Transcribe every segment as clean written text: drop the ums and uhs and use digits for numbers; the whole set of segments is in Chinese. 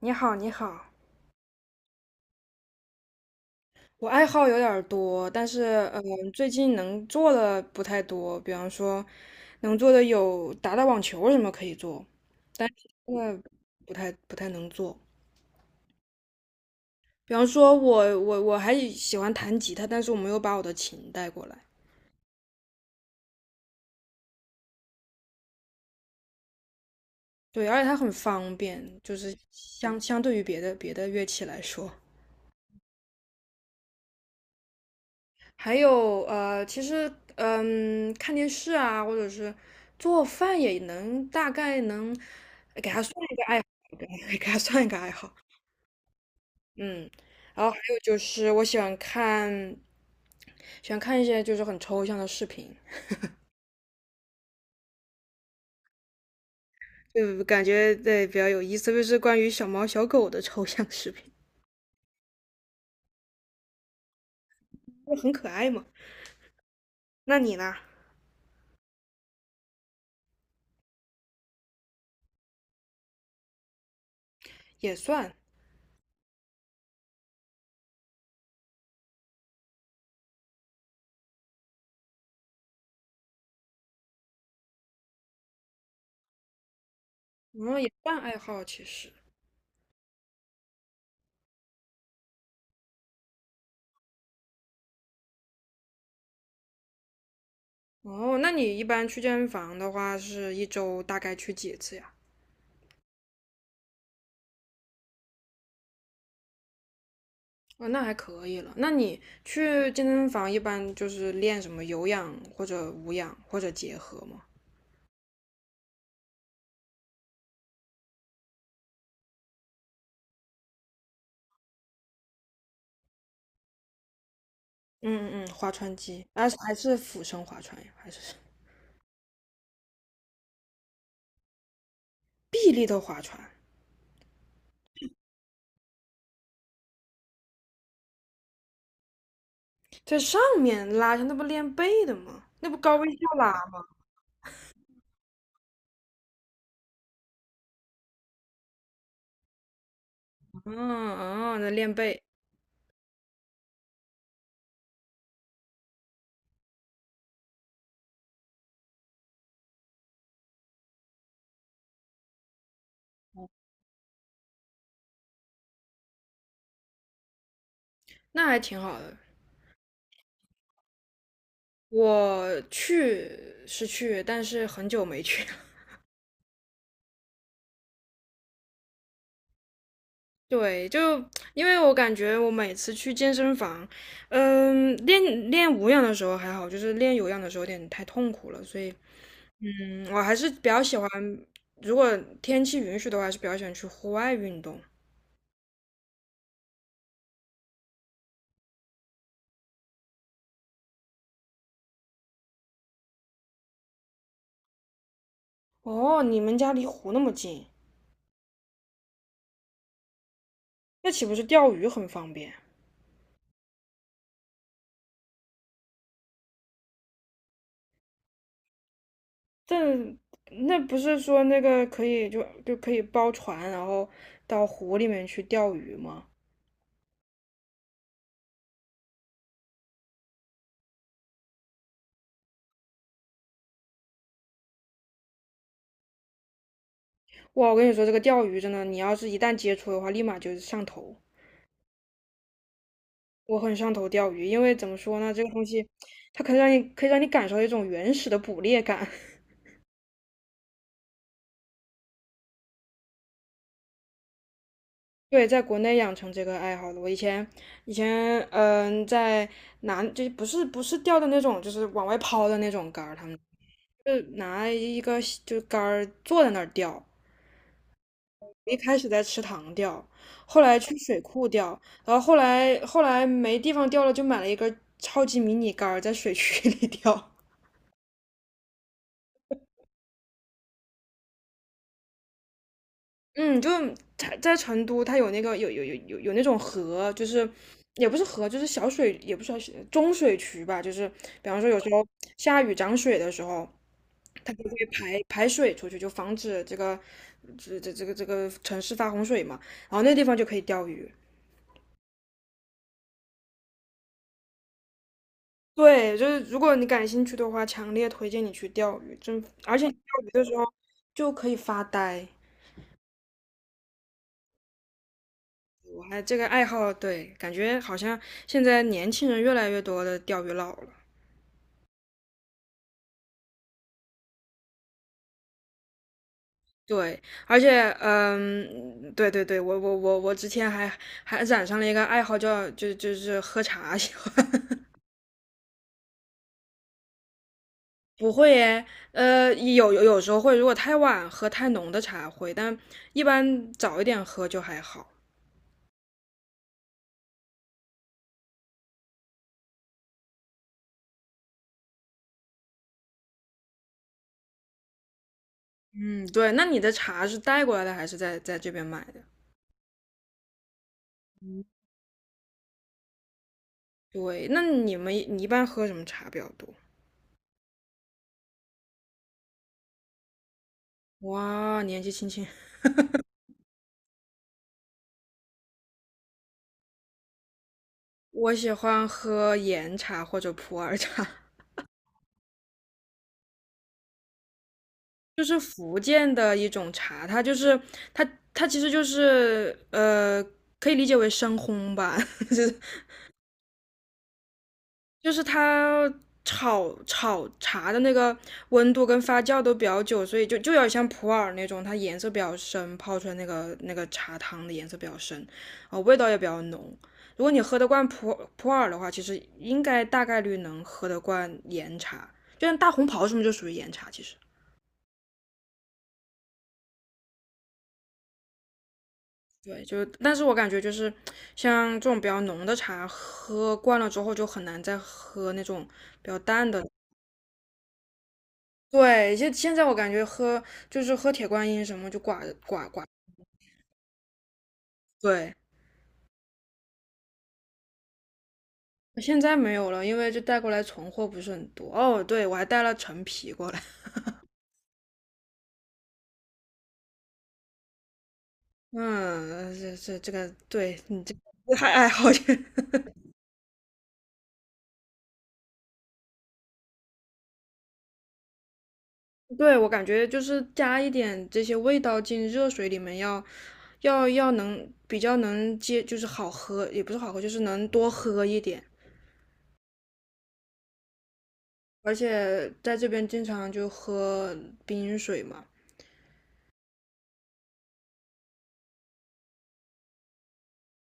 你好，你好，我爱好有点儿多，但是最近能做的不太多。比方说，能做的有打打网球什么可以做，但是现在不太能做。比方说我还喜欢弹吉他，但是我没有把我的琴带过来。对，而且它很方便，就是相对于别的乐器来说，还有其实看电视啊，或者是做饭也能大概能 给它算一个爱好。嗯，然后还有就是我喜欢看，喜欢看一些就是很抽象的视频，就感觉对比较有意思，特别是关于小猫小狗的抽象视频，就很可爱嘛。那你呢？也算，嗯，也算爱好其实。哦，那你一般去健身房的话，是一周大概去几次呀？哦，那还可以了。那你去健身房一般就是练什么有氧或者无氧或者结合吗？嗯划船机，啊还是俯身划船呀，还是什么臂力的划船，在上面拉下，那不练背的吗？那不高位下拉吗？嗯嗯，那练背，那还挺好的。我去是去，但是很久没去了。对，就因为我感觉我每次去健身房，练练无氧的时候还好，就是练有氧的时候有点太痛苦了，所以我还是比较喜欢，如果天气允许的话，还是比较喜欢去户外运动。哦，你们家离湖那么近，那岂不是钓鱼很方便？这那不是说那个可以就可以包船，然后到湖里面去钓鱼吗？哇，我跟你说，这个钓鱼真的，你要是一旦接触的话，立马就是上头。我很上头钓鱼，因为怎么说呢，这个东西它可以让你感受到一种原始的捕猎感。对，在国内养成这个爱好的，我以前在南就不是钓的那种，就是往外抛的那种竿儿，他们。就拿一个就杆儿坐在那儿钓，一开始在池塘钓，后来去水库钓，然后后来没地方钓了，就买了一根超级迷你杆儿在水渠 里钓。嗯，就它在成都，它有那个有那种河，就是也不是河，就是小水，也不是小水中水渠吧，就是比方说有时候下雨涨水的时候，它就会排排水出去，就防止个这个城市发洪水嘛。然后那地方就可以钓鱼。对，就是如果你感兴趣的话，强烈推荐你去钓鱼，真，而且你钓鱼的时候就可以发呆。我还这个爱好，对，感觉好像现在年轻人越来越多的钓鱼佬了。对，而且，嗯，对对对，我之前还染上了一个爱好叫，就是喝茶喜欢。不会耶，有时候会，如果太晚喝太浓的茶会，但一般早一点喝就还好。嗯，对，那你的茶是带过来的还是在这边买的？对，那你一般喝什么茶比较多？哇，年纪轻轻，我喜欢喝岩茶或者普洱茶，就是福建的一种茶，它其实就是可以理解为深烘吧，就就是它炒炒茶的那个温度跟发酵都比较久，所以就有点像普洱那种，它颜色比较深，泡出来那个茶汤的颜色比较深，味道也比较浓。如果你喝得惯普普洱的话，其实应该大概率能喝得惯岩茶，就像大红袍什么就属于岩茶，其实。对，就但是我感觉就是像这种比较浓的茶，喝惯了之后就很难再喝那种比较淡的。对，现在我感觉喝就是喝铁观音什么就寡寡寡，对，现在没有了，因为就带过来存货不是很多。哦，对，我还带了陈皮过来。嗯，这个，对你这个还爱好点。对，我感觉就是加一点这些味道进热水里面要，要能比较能接，就是好喝，也不是好喝，就是能多喝一点。而且在这边经常就喝冰水嘛，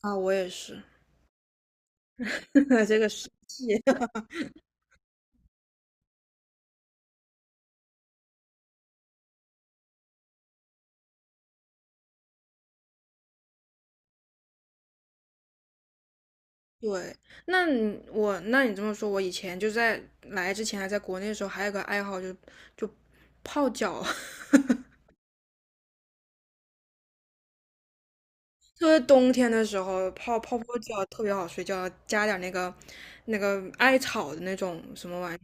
啊，我也是，这个是对，那你这么说，我以前就在来之前还在国内的时候，还有个爱好就泡脚，特别冬天的时候泡泡泡脚特别好睡觉，加点那个艾草的那种什么玩意儿，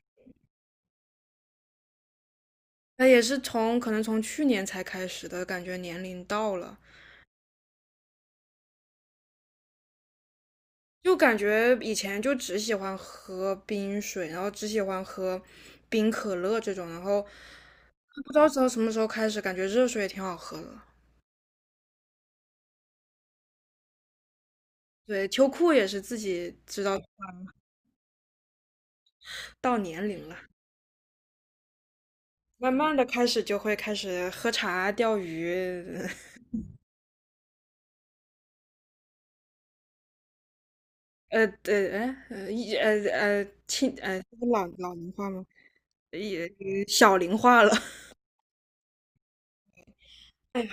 那也是从可能从去年才开始的，感觉年龄到了，就感觉以前就只喜欢喝冰水，然后只喜欢喝冰可乐这种，然后不知道从什么时候开始，感觉热水也挺好喝的。对，秋裤也是自己知道到年龄了，慢慢的开始就会开始喝茶、钓鱼，呃呃哎呃一呃呃亲呃这是老老龄化吗？也小龄化了，哎呀，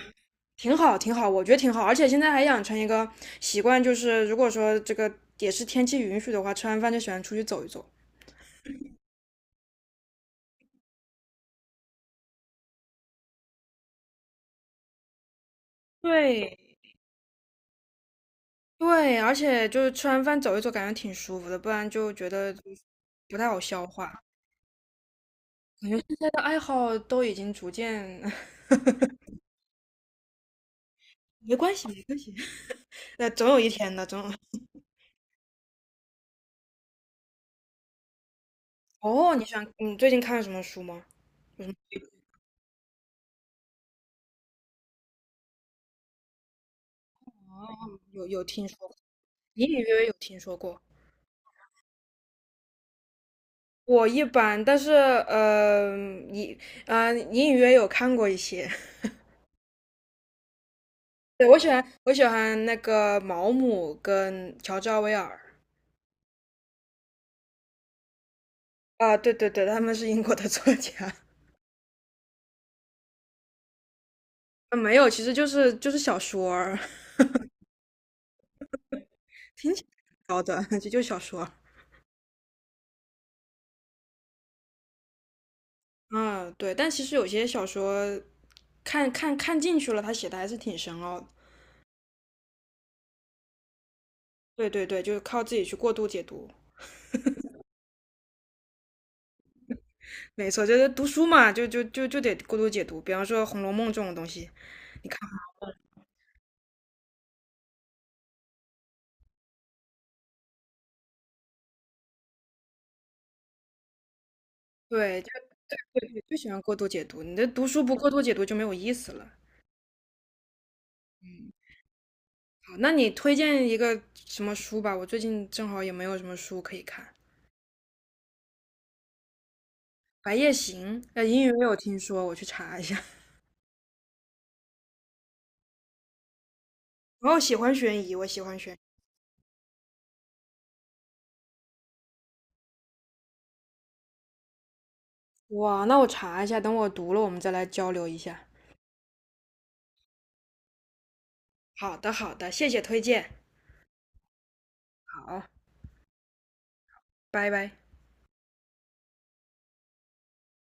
挺好挺好，我觉得挺好，而且现在还养成一个习惯，就是如果说这个也是天气允许的话，吃完饭就喜欢出去走一走。对对，而且就是吃完饭走一走，感觉挺舒服的，不然就觉得不太好消化。现在的爱好都已经逐渐 没关系，没关系。那总有一天的，总有。哦，你喜欢你最近看了什么书吗？有什么有有听说过？隐隐约约有听说过。我一般，但是隐隐隐约约有看过一些。对，我喜欢那个毛姆跟乔治奥威尔啊，对对对，他们是英国的 作家。没有，其实就是小说儿聊的，就就小说儿。嗯，对，但其实有些小说看进去了，他写的还是挺深奥的。对对对，就是靠自己去过度解读。没错，就是读书嘛，就得过度解读。比方说《红楼梦》这种东西，你看，对，就对对，就喜欢过度解读。你的读书不过度解读就没有意思了。嗯好，那你推荐一个什么书吧？我最近正好也没有什么书可以看，《白夜行》英语没有听说，我去查一下。然后喜欢悬疑，我喜欢悬疑。哇，那我查一下，等我读了，我们再来交流一下。好的，好的，谢谢推荐。好，拜拜，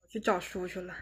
我去找书去了。